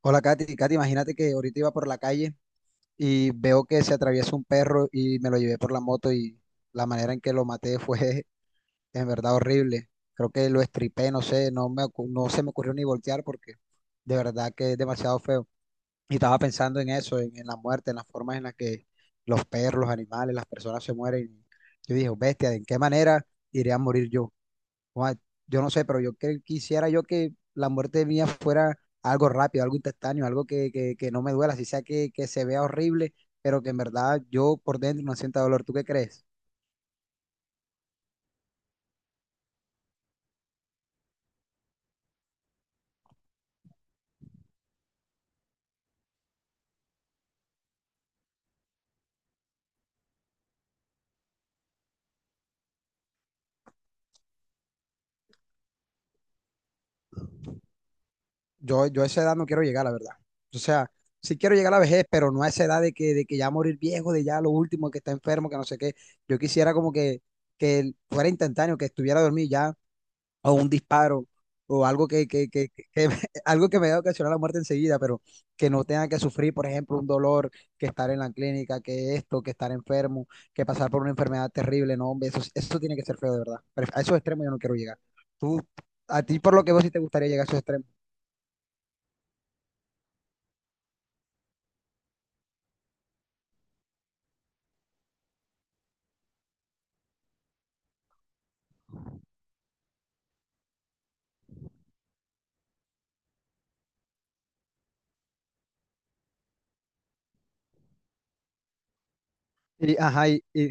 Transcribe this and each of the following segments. Hola, Katy. Katy, imagínate que ahorita iba por la calle y veo que se atraviesa un perro y me lo llevé por la moto, y la manera en que lo maté fue en verdad horrible. Creo que lo estripé, no sé, no me, no se me ocurrió ni voltear, porque de verdad que es demasiado feo. Y estaba pensando en eso, en la muerte, en las formas en las que los perros, los animales, las personas se mueren. Yo dije, bestia, ¿de en qué manera iré a morir yo? Juan, yo no sé, pero quisiera yo que la muerte mía fuera algo rápido, algo instantáneo, algo que no me duela, si sea que se vea horrible, pero que en verdad yo por dentro no sienta dolor. ¿Tú qué crees? Yo a esa edad no quiero llegar, la verdad. O sea, sí quiero llegar a la vejez, pero no a esa edad de que ya morir viejo, de ya lo último, que está enfermo, que no sé qué. Yo quisiera como que fuera instantáneo, que estuviera dormido ya, o un disparo, o algo algo que me haya ocasionado la muerte enseguida, pero que no tenga que sufrir, por ejemplo, un dolor, que estar en la clínica, que esto, que estar enfermo, que pasar por una enfermedad terrible. No, hombre, eso tiene que ser feo, de verdad. Pero a esos extremos yo no quiero llegar. Tú, a ti por lo que veo sí te gustaría llegar a esos extremos. Y, ajá, y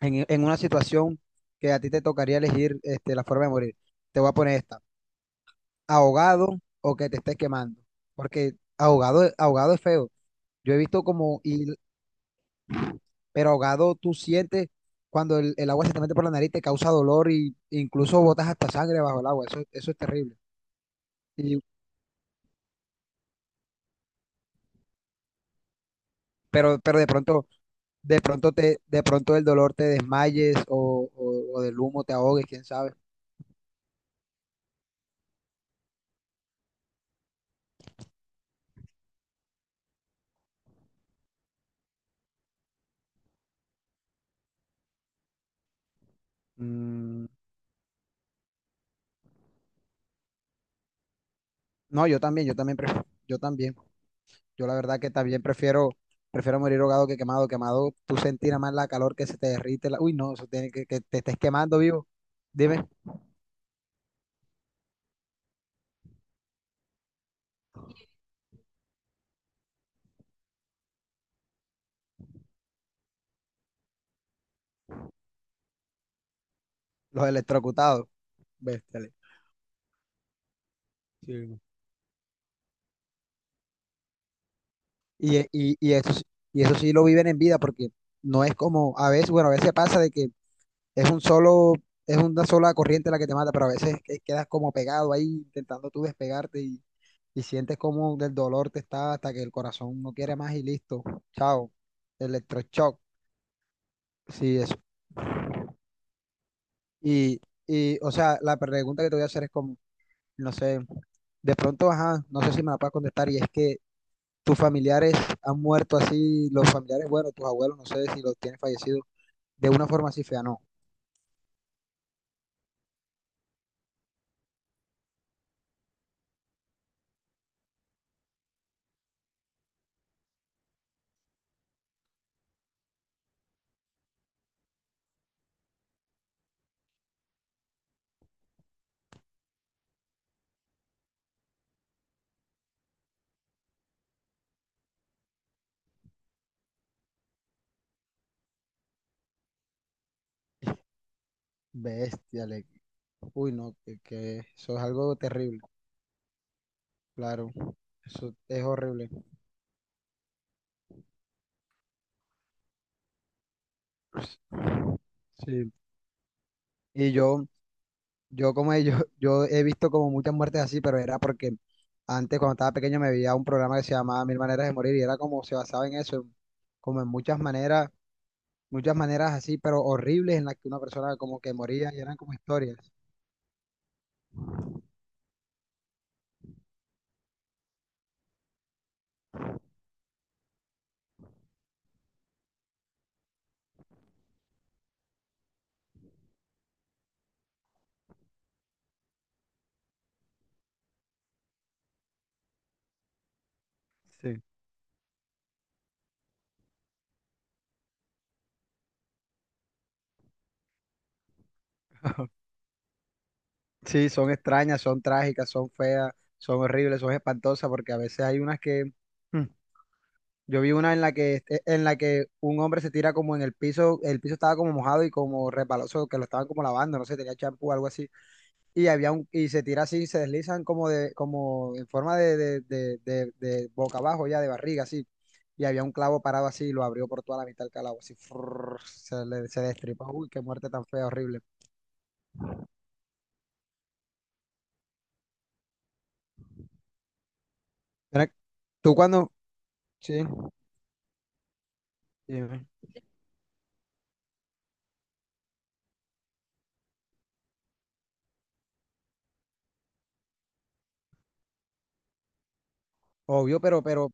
en una situación que a ti te tocaría elegir este, la forma de morir, te voy a poner esta: ahogado, o que te estés quemando. Porque ahogado, ahogado es feo. Yo he visto como, y pero ahogado tú sientes cuando el agua se te mete por la nariz, te causa dolor y incluso botas hasta sangre bajo el agua. Eso es terrible. Y, pero de pronto te, de pronto el dolor te desmayes, o del humo te ahogues, quién sabe. Mm, no, yo también prefiero, yo también. Yo la verdad que también prefiero, prefiero morir ahogado que quemado. Quemado, tú sentirás más la calor que se te derrite. La... Uy, no, eso tiene que te estés quemando vivo. Dime, los electrocutados. Bestiales. Y, y eso, y eso sí lo viven en vida, porque no es como a veces. Bueno, a veces pasa de que es un solo, es una sola corriente la que te mata, pero a veces quedas como pegado ahí intentando tú despegarte, y sientes como del dolor te está hasta que el corazón no quiere más y listo. Chao. Electroshock. Sí, eso. Y, y, o sea, la pregunta que te voy a hacer es como, no sé, de pronto, ajá, no sé si me la puedes contestar. Y es que tus familiares han muerto así, los familiares, bueno, tus abuelos, no sé si los tienes fallecidos de una forma así fea, no. Bestia, le... Uy, no, que eso es algo terrible, claro. Eso es horrible. Sí. Y yo como yo he visto como muchas muertes así, pero era porque antes, cuando estaba pequeño, me veía un programa que se llamaba Mil Maneras de Morir, y era como se basaba en eso, como en muchas maneras así, pero horribles, en las que una persona como que moría, y eran como historias. Sí. Sí, son extrañas, son trágicas, son feas, son horribles, son espantosas, porque a veces hay unas que yo vi una en la que un hombre se tira como en el piso estaba como mojado y como resbaloso, que lo estaban como lavando, no sé, tenía champú o algo así. Y había un, y se tira así, se deslizan como de, como en forma de boca abajo, ya de barriga, así. Y había un clavo parado así y lo abrió por toda la mitad del calabo, así, frrrr, se le, se destripó. Uy, qué muerte tan fea, horrible. Mira, tú cuando, sí, dime. Obvio, pero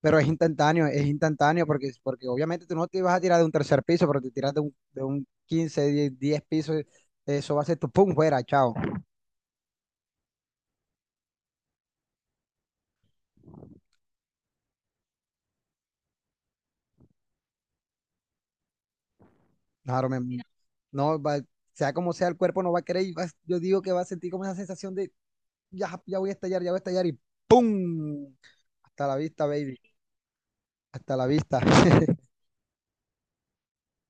Pero es instantáneo porque, porque obviamente tú no te vas a tirar de un tercer piso, pero te tiras de un 15 10 10 pisos, eso va a ser tu pum, fuera, chao. Claro, no, sea como sea, el cuerpo no va a querer y yo digo que va a sentir como esa sensación de ya, ya voy a estallar, ya voy a estallar y pum, hasta la vista, baby, hasta la vista.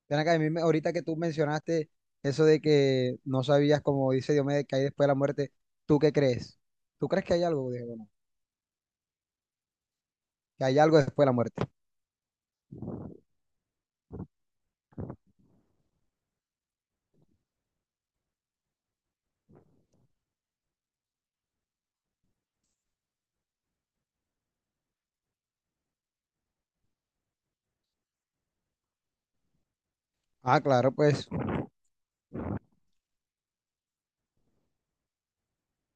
Ven acá, a mí ahorita que tú mencionaste eso de que no sabías, como dice Diomedes, que hay después de la muerte, ¿tú qué crees? ¿Tú crees que hay algo, Diego? ¿Que hay algo después de la muerte? Ah, claro, pues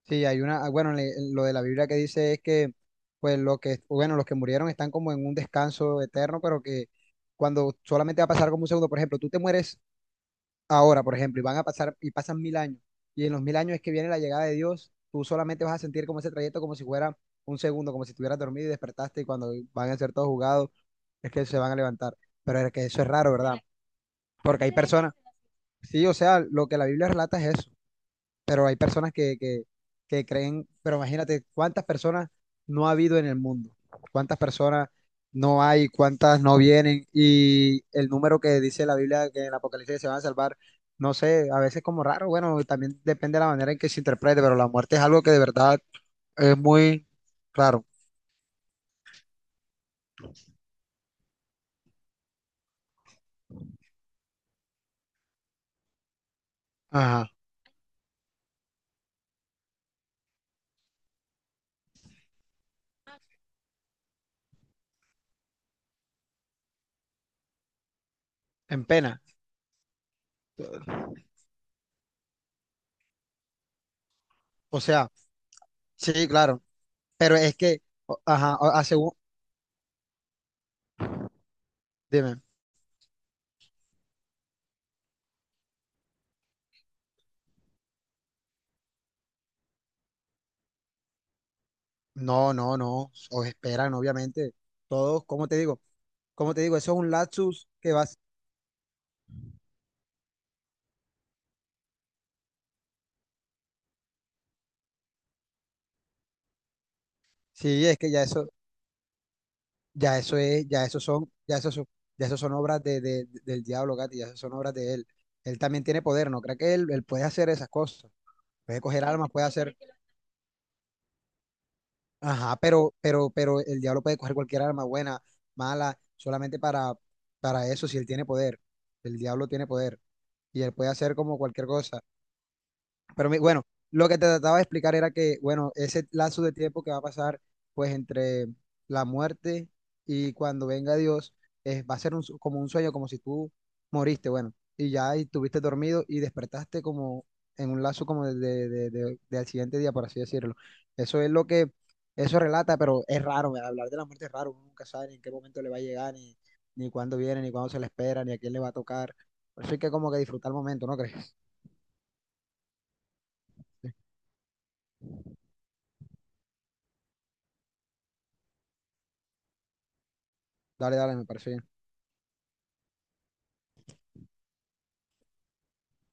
sí, hay una, ah, bueno, lo de la Biblia que dice es que pues los que, bueno, los que murieron están como en un descanso eterno, pero que cuando solamente va a pasar como un segundo. Por ejemplo, tú te mueres ahora, por ejemplo, y van a pasar, y pasan 1000 años, y en los 1000 años es que viene la llegada de Dios, tú solamente vas a sentir como ese trayecto como si fuera un segundo, como si estuvieras dormido y despertaste, y cuando van a ser todos jugados, es que se van a levantar. Pero es que eso es raro, ¿verdad? Porque hay personas, sí, o sea, lo que la Biblia relata es eso. Pero hay personas que creen, pero imagínate cuántas personas no ha habido en el mundo, cuántas personas no hay, cuántas no vienen, y el número que dice la Biblia que en el Apocalipsis se van a salvar, no sé, a veces como raro. Bueno, también depende de la manera en que se interprete, pero la muerte es algo que de verdad es muy raro, ajá, en pena, o sea, sí, claro, pero es que, ajá, a según, dime. No, no, no, os esperan, obviamente. Todos, como te digo? Como te digo? Eso es un lapsus que vas. Sí, es que ya eso es, ya eso son, ya eso son, ya eso son obras de, del diablo, Katy, ya eso son obras de él. Él también tiene poder, ¿no? Creo que él puede hacer esas cosas. Puede coger armas, puede hacer. Ajá, pero el diablo puede coger cualquier arma, buena, mala, solamente para eso, si él tiene poder. El diablo tiene poder. Y él puede hacer como cualquier cosa. Pero bueno, lo que te trataba de explicar era que, bueno, ese lazo de tiempo que va a pasar, pues entre la muerte y cuando venga Dios, va a ser un como un sueño, como si tú moriste, bueno, y ya y estuviste dormido y despertaste como en un lazo como de al siguiente día, por así decirlo. Eso es lo que, eso relata. Pero es raro, hablar de la muerte es raro, uno nunca sabe ni en qué momento le va a llegar, ni, ni cuándo viene, ni cuándo se le espera, ni a quién le va a tocar. Por eso hay que como que disfrutar el momento, ¿no crees? Dale, dale, me parece bien.